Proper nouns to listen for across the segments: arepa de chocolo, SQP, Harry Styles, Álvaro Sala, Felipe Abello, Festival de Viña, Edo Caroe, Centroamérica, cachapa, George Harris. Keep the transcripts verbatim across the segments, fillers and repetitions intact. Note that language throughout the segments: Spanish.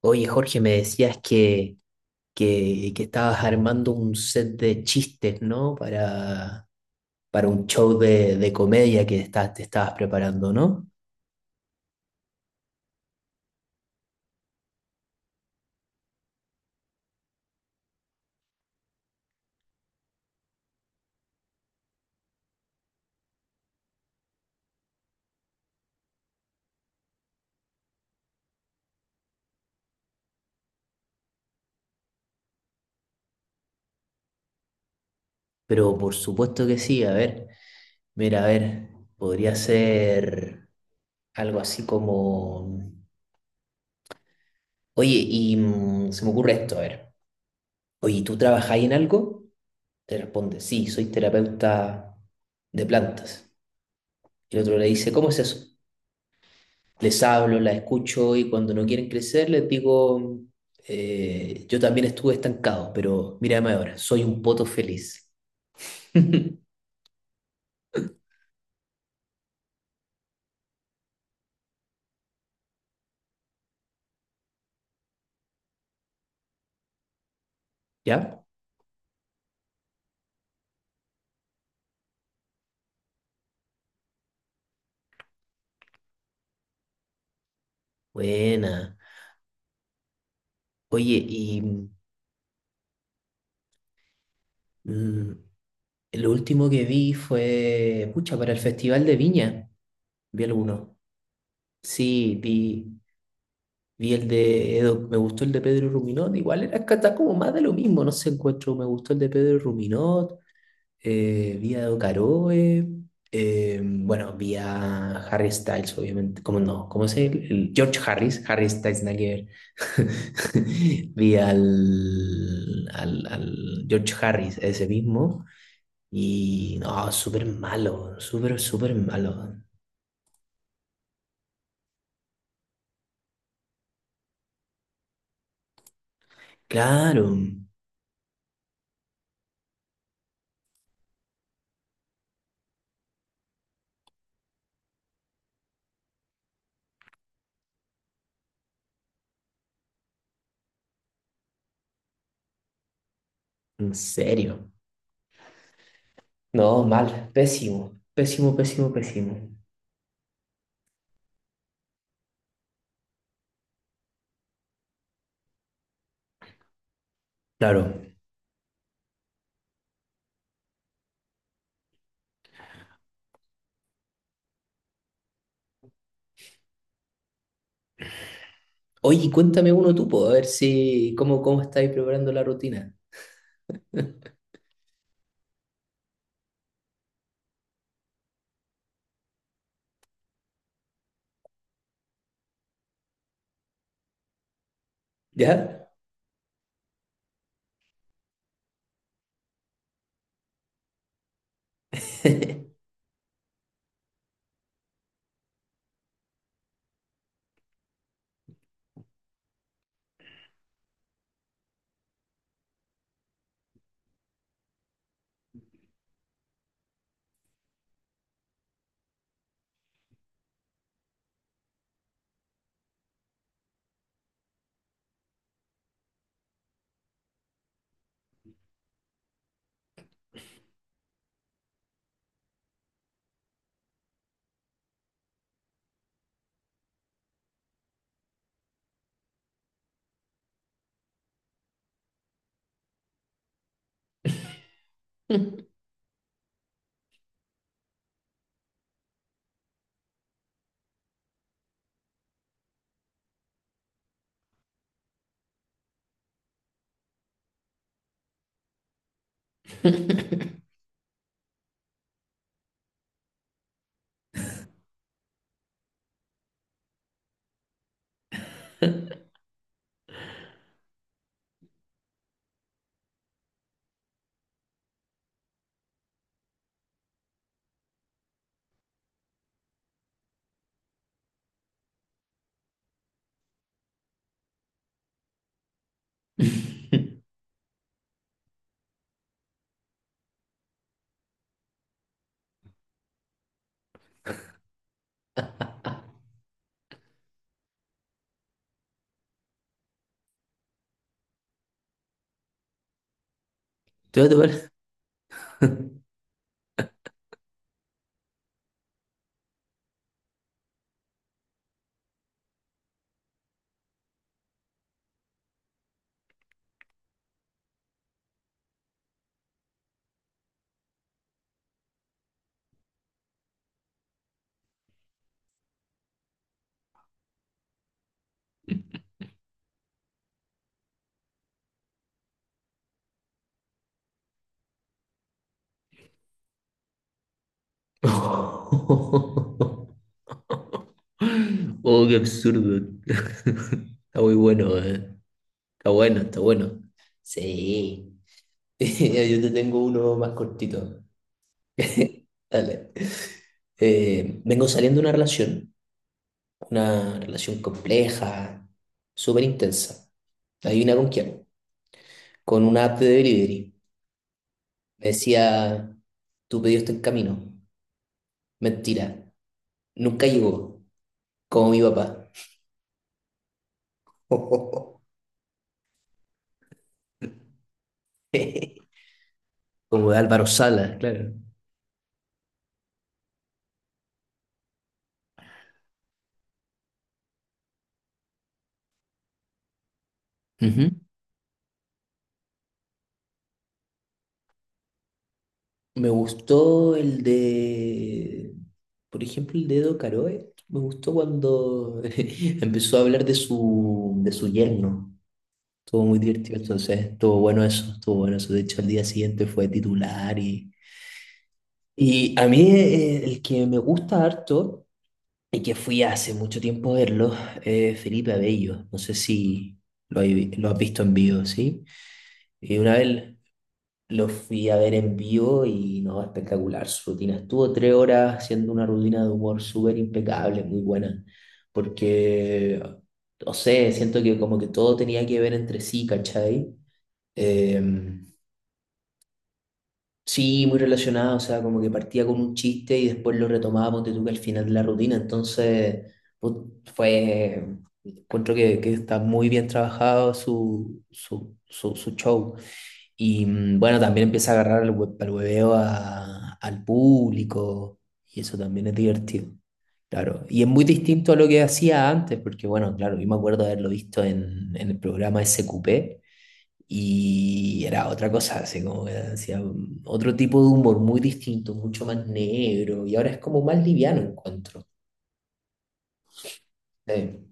Oye, Jorge, me decías que, que, que estabas armando un set de chistes, ¿no? Para, para un show de, de comedia que estás, te estabas preparando, ¿no? Pero por supuesto que sí, a ver, mira, a ver, podría ser algo así como... Oye, y mm, se me ocurre esto, a ver. Oye, ¿tú trabajáis en algo? Te responde, sí, soy terapeuta de plantas. Y el otro le dice, ¿cómo es eso? Les hablo, las escucho y cuando no quieren crecer les digo, eh, yo también estuve estancado, pero mírame ahora, soy un poto feliz. ¿Ya? Buena. Oye, y mm, lo último que vi fue, pucha, para el Festival de Viña, vi alguno. Sí, vi, vi el de Edo, me gustó el de Pedro Ruminot, igual era que está como más de lo mismo, no sé, encuentro, me gustó el de Pedro Ruminot. eh, vi a Caroe, eh, bueno, vía Harry Styles, obviamente, ¿cómo no? ¿Cómo es el, el George Harris? Harry Styles, nada que ver. Vi al, al, al George Harris, ese mismo, y no, súper malo, súper, súper malo. Claro, en serio. No, mal, pésimo, pésimo, pésimo, pésimo. Claro. Oye, cuéntame uno tú, po, a ver si, cómo, cómo estáis preparando la rutina, ¿ya? ¿Te va a topar? Oh, qué absurdo. Está muy bueno, eh. Está bueno, está bueno. Sí. Yo te tengo uno más cortito. Dale. Eh, vengo saliendo de una relación, una relación compleja, súper intensa. Adivina con quién. Con una app de delivery. Me decía, tu pedido está en camino. Mentira, nunca llegó. Como mi papá, ujú. Como de Álvaro Sala, claro. Ujú. Me gustó el de, por ejemplo, el de Edo Caroe. Me gustó cuando empezó a hablar de su, de su yerno. Estuvo muy divertido, entonces estuvo bueno eso, estuvo bueno eso. De hecho, al día siguiente fue titular y, y a mí eh, el que me gusta harto y que fui hace mucho tiempo a verlo es Felipe Abello. No sé si lo, hay- lo has visto en vivo, ¿sí? Y una vez lo fui a ver en vivo y no, espectacular su rutina. Estuvo tres horas haciendo una rutina de humor súper impecable, muy buena, porque, no sé, siento que como que todo tenía que ver entre sí, ¿cachai? Eh, sí, muy relacionado, o sea, como que partía con un chiste y después lo retomaba, ponte tú que al final de la rutina, entonces put- fue, encuentro que, que está muy bien trabajado su, su, su, su show. Y mm, bueno, también empieza a agarrar el, hue- el hueveo a- al público y eso también es divertido. Claro, y es muy distinto a lo que hacía antes, porque bueno, claro, yo me acuerdo de haberlo visto en, en el programa S Q P y era otra cosa, así como que hacía un- otro tipo de humor muy distinto, mucho más negro, y ahora es como más liviano encuentro. Eh,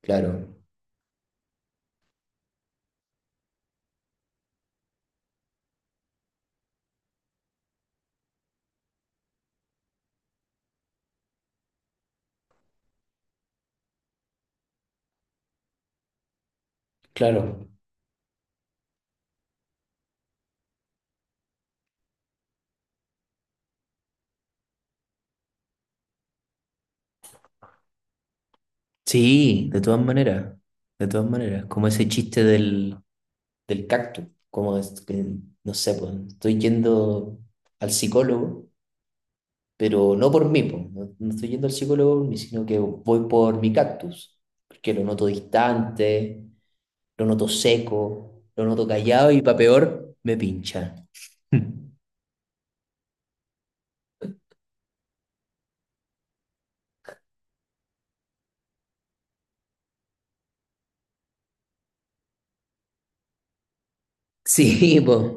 claro, claro. Sí, de todas maneras, de todas maneras, como ese chiste del, del cactus. Como es que, no sé, pues estoy yendo al psicólogo, pero no por mí, pues, no, no estoy yendo al psicólogo, ni sino que voy por mi cactus, porque lo noto distante, lo noto seco, lo noto callado y para peor, me pincha. Sí, pues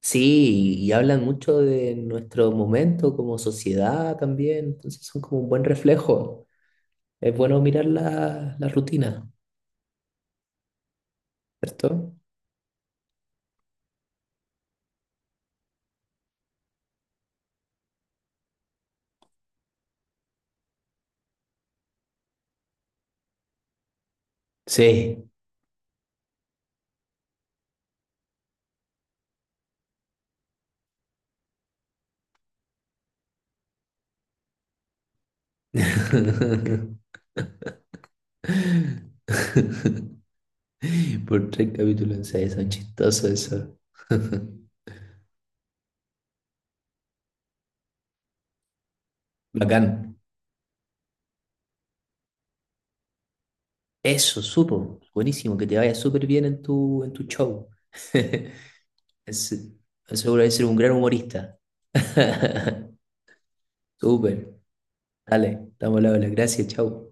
sí, y hablan mucho de nuestro momento como sociedad también, entonces son como un buen reflejo. Es bueno mirar la, la rutina, ¿cierto? Sí, por tres capítulos en seis, son chistosos eso. Bacán. Eso, supo. Buenísimo, que te vaya súper bien en tu, en tu show. Es- seguro de ser un gran humorista. Súper. Dale, estamos al habla. Gracias, chau.